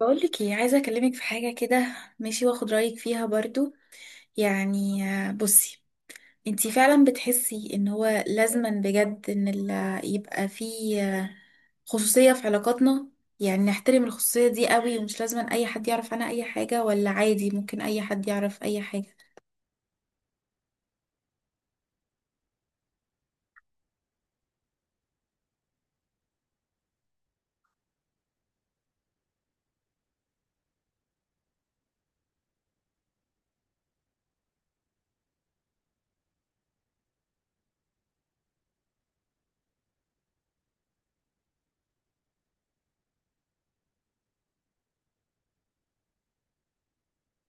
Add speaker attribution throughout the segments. Speaker 1: بقولك ايه؟ عايزة اكلمك في حاجة كده، ماشي؟ واخد رأيك فيها برضو. يعني بصي، انتي فعلا بتحسي ان هو لازما بجد ان يبقى فيه خصوصية في علاقاتنا؟ يعني نحترم الخصوصية دي قوي ومش لازما اي حد يعرف عنها اي حاجة، ولا عادي ممكن اي حد يعرف اي حاجة؟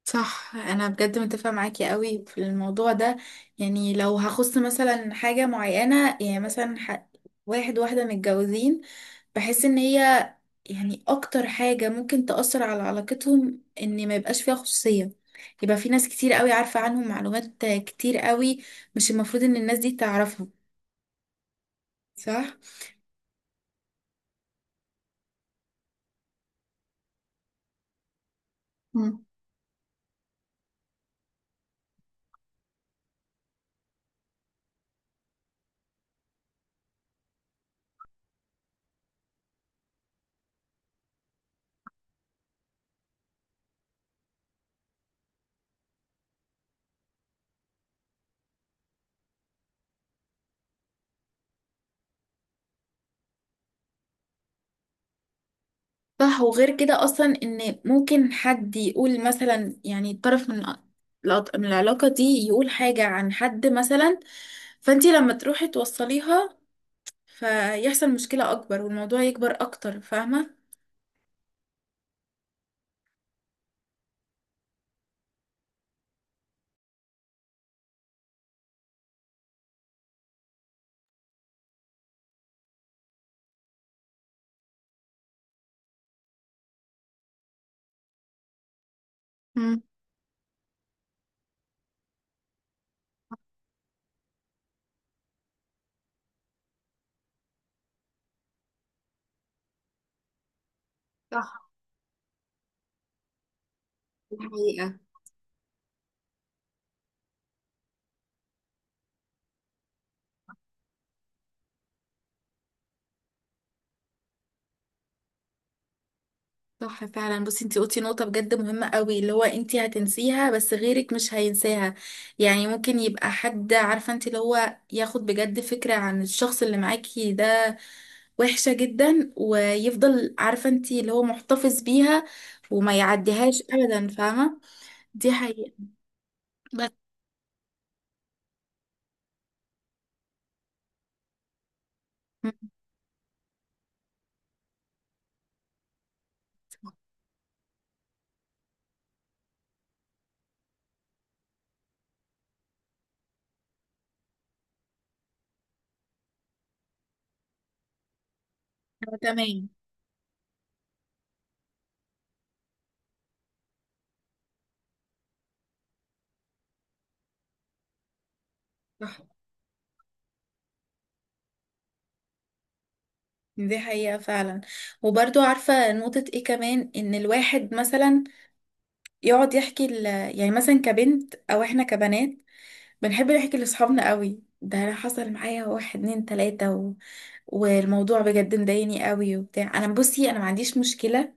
Speaker 1: صح، انا بجد متفقة معاكي قوي في الموضوع ده. يعني لو هخص مثلا حاجة معينة، يعني مثلا واحد واحدة متجوزين، بحس ان هي يعني اكتر حاجة ممكن تأثر على علاقتهم ان ما يبقاش فيها خصوصية. يبقى في ناس كتير قوي عارفة عنهم معلومات كتير قوي مش المفروض ان الناس دي تعرفها. صح. مم. صح، وغير كده اصلا ان ممكن حد يقول مثلا، يعني طرف من من العلاقة دي، يقول حاجة عن حد مثلا، فانتي لما تروحي توصليها، فيحصل مشكلة اكبر والموضوع يكبر اكتر، فاهمة؟ مم. صح. دي حقيقة. صح فعلا، بصي انتي قلتي نقطة بجد مهمة قوي، اللي هو انتي هتنسيها بس غيرك مش هينساها. يعني ممكن يبقى حد عارفة انتي اللي هو ياخد بجد فكرة عن الشخص اللي معاكي ده وحشة جدا، ويفضل عارفة انتي اللي هو محتفظ بيها وما يعديهاش ابدا، فاهمة؟ دي حقيقة. بس. مم. تمام. صح، دي حقيقة فعلا. وبرضو عارفة نقطة ايه كمان، ان الواحد مثلا يقعد يحكي يعني مثلا كبنت، او احنا كبنات بنحب نحكي لاصحابنا قوي، ده انا حصل معايا واحد اتنين تلاتة والموضوع بجد مضايقني قوي وبتاع، انا بصي انا ما عنديش مشكلة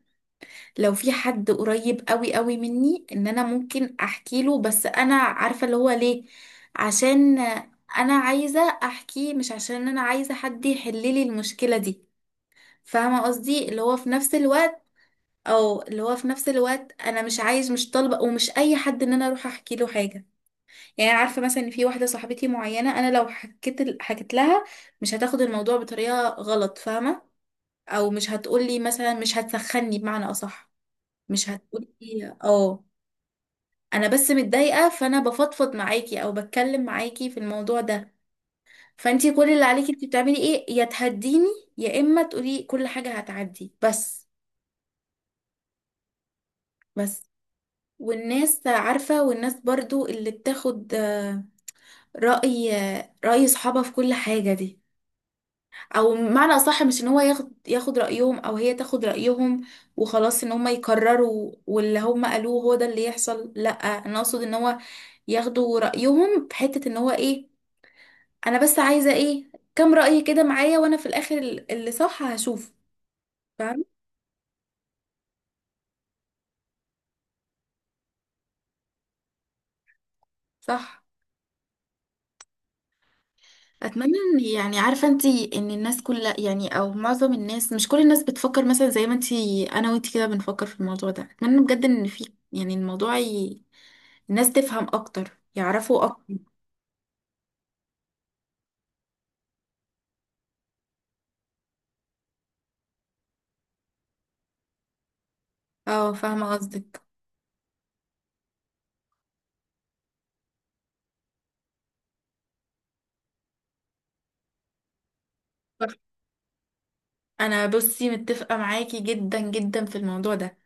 Speaker 1: لو في حد قريب قوي قوي مني ان انا ممكن احكي له، بس انا عارفة اللي هو ليه، عشان انا عايزة احكيه مش عشان انا عايزة حد يحل لي المشكلة دي، فاهمة قصدي اللي هو في نفس الوقت، او اللي هو في نفس الوقت انا مش عايز مش طالبة ومش اي حد ان انا اروح احكي له حاجة. يعني أنا عارفه مثلا ان في واحده صاحبتي معينه انا لو حكيت لها مش هتاخد الموضوع بطريقه غلط، فاهمه؟ او مش هتقولي مثلا، مش هتسخني بمعنى اصح، مش هتقولي اه انا بس متضايقه، فانا بفضفض معاكي او بتكلم معاكي في الموضوع ده، فانتي كل اللي عليكي انتي بتعملي ايه، يا تهديني يا اما تقولي كل حاجه هتعدي بس. بس. والناس عارفه، والناس برضو اللي بتاخد رأي، رأي صحابها في كل حاجة دي، او معنى اصح مش ان هو ياخد رايهم او هي تاخد رايهم وخلاص، ان هم يكرروا واللي هم قالوه هو ده اللي يحصل، لا انا اقصد ان هو ياخدوا رايهم في حته ان هو ايه، انا بس عايزه ايه، كام راي كده معايا، وانا في الاخر اللي صح هشوف، فاهم؟ صح. اتمنى ان، يعني عارفه انت ان الناس كلها يعني، او معظم الناس مش كل الناس بتفكر مثلا زي ما انت، انا وانت كده بنفكر في الموضوع ده. اتمنى بجد ان في يعني الموضوع الناس تفهم اكتر، يعرفوا اكتر. اه فاهمه قصدك. صح. انا بصي متفقه معاكي جدا جدا في الموضوع ده.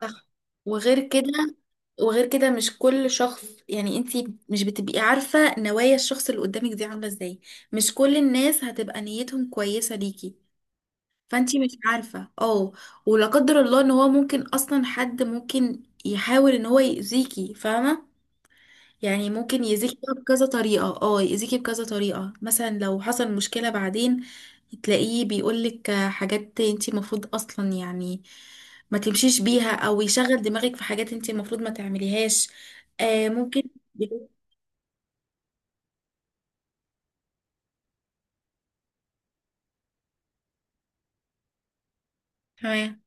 Speaker 1: صح. وغير كده، وغير كده مش كل شخص، يعني انت مش بتبقي عارفه نوايا الشخص اللي قدامك دي عامله ازاي. مش كل الناس هتبقى نيتهم كويسه ليكي، فانتي مش عارفة اه ولا قدر الله ان هو ممكن اصلا حد ممكن يحاول ان هو يأذيكي، فاهمة؟ يعني ممكن يأذيكي بقى بكذا طريقة، اه يأذيكي بكذا طريقة مثلا لو حصل مشكلة بعدين، تلاقيه بيقولك حاجات انتي المفروض اصلا يعني ما تمشيش بيها، او يشغل دماغك في حاجات انتي المفروض ما تعمليهاش. آه ممكن. تمام.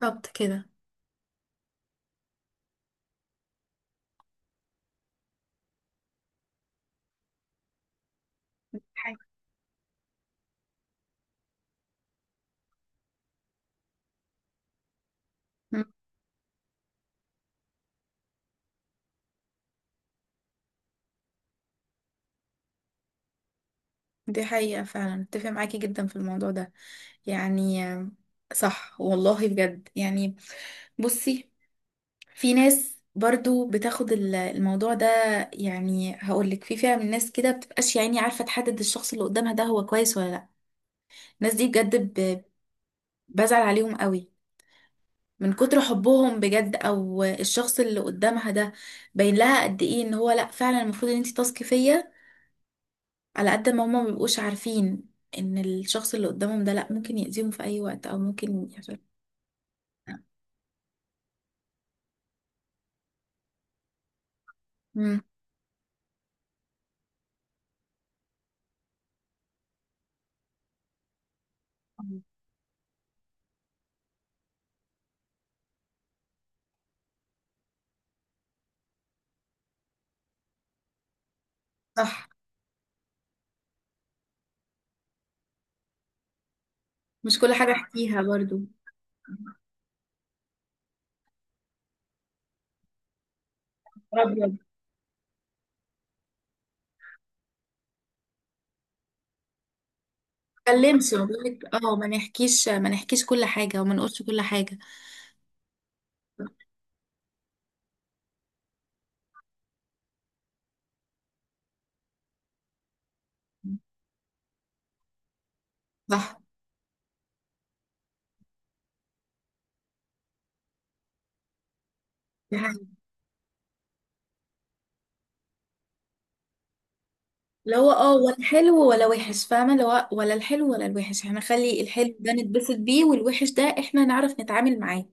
Speaker 1: بالظبط كده. دي حقيقة فعلا، اتفق معاكي جدا في الموضوع ده. يعني صح والله بجد يعني. بصي، في ناس برضو بتاخد الموضوع ده، يعني هقولك في فئة من الناس كده بتبقاش يعني عارفة تحدد الشخص اللي قدامها ده هو كويس ولا لا. الناس دي بجد بزعل عليهم قوي من كتر حبهم بجد، او الشخص اللي قدامها ده باين لها قد ايه ان هو لا فعلا المفروض ان انت تثقي فيا، على قد ما هما مبيبقوش عارفين ان الشخص اللي قدامهم ده لا ممكن يأذيهم في اي وقت او ممكن يحصل. امم. صح. مش كل حاجة احكيها برضو. ابيض ما اتكلمش، ما بقولك اه، ما نحكيش كل حاجة، وما نقولش كل حاجة. صح. دي حقيقة. اللي هو اه، ولا حلو ولا وحش، فاهمة؟ اللي هو ولا الحلو ولا الوحش، احنا نخلي الحلو ده نتبسط بيه، والوحش ده احنا نعرف نتعامل معاه.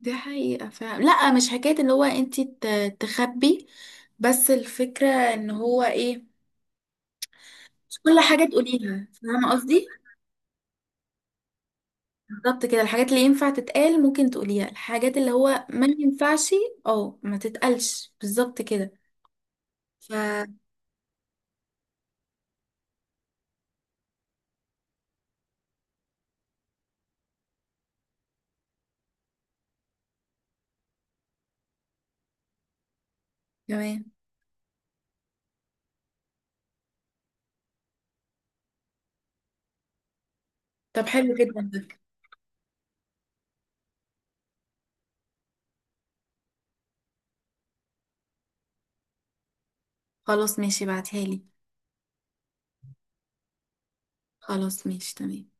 Speaker 1: دي حقيقة فعلا. لا مش حكاية اللي هو انتي تخبي، بس الفكرة ان هو ايه، مش كل حاجة تقوليها، فاهمة قصدي؟ بالظبط كده، الحاجات اللي ينفع تتقال ممكن تقوليها، الحاجات اللي هو ما ينفعش اه ما تتقالش، بالظبط كده. ف تمام. طب حلو جدا ده. خلاص ماشي، بعتها لي. خلاص ماشي تمام.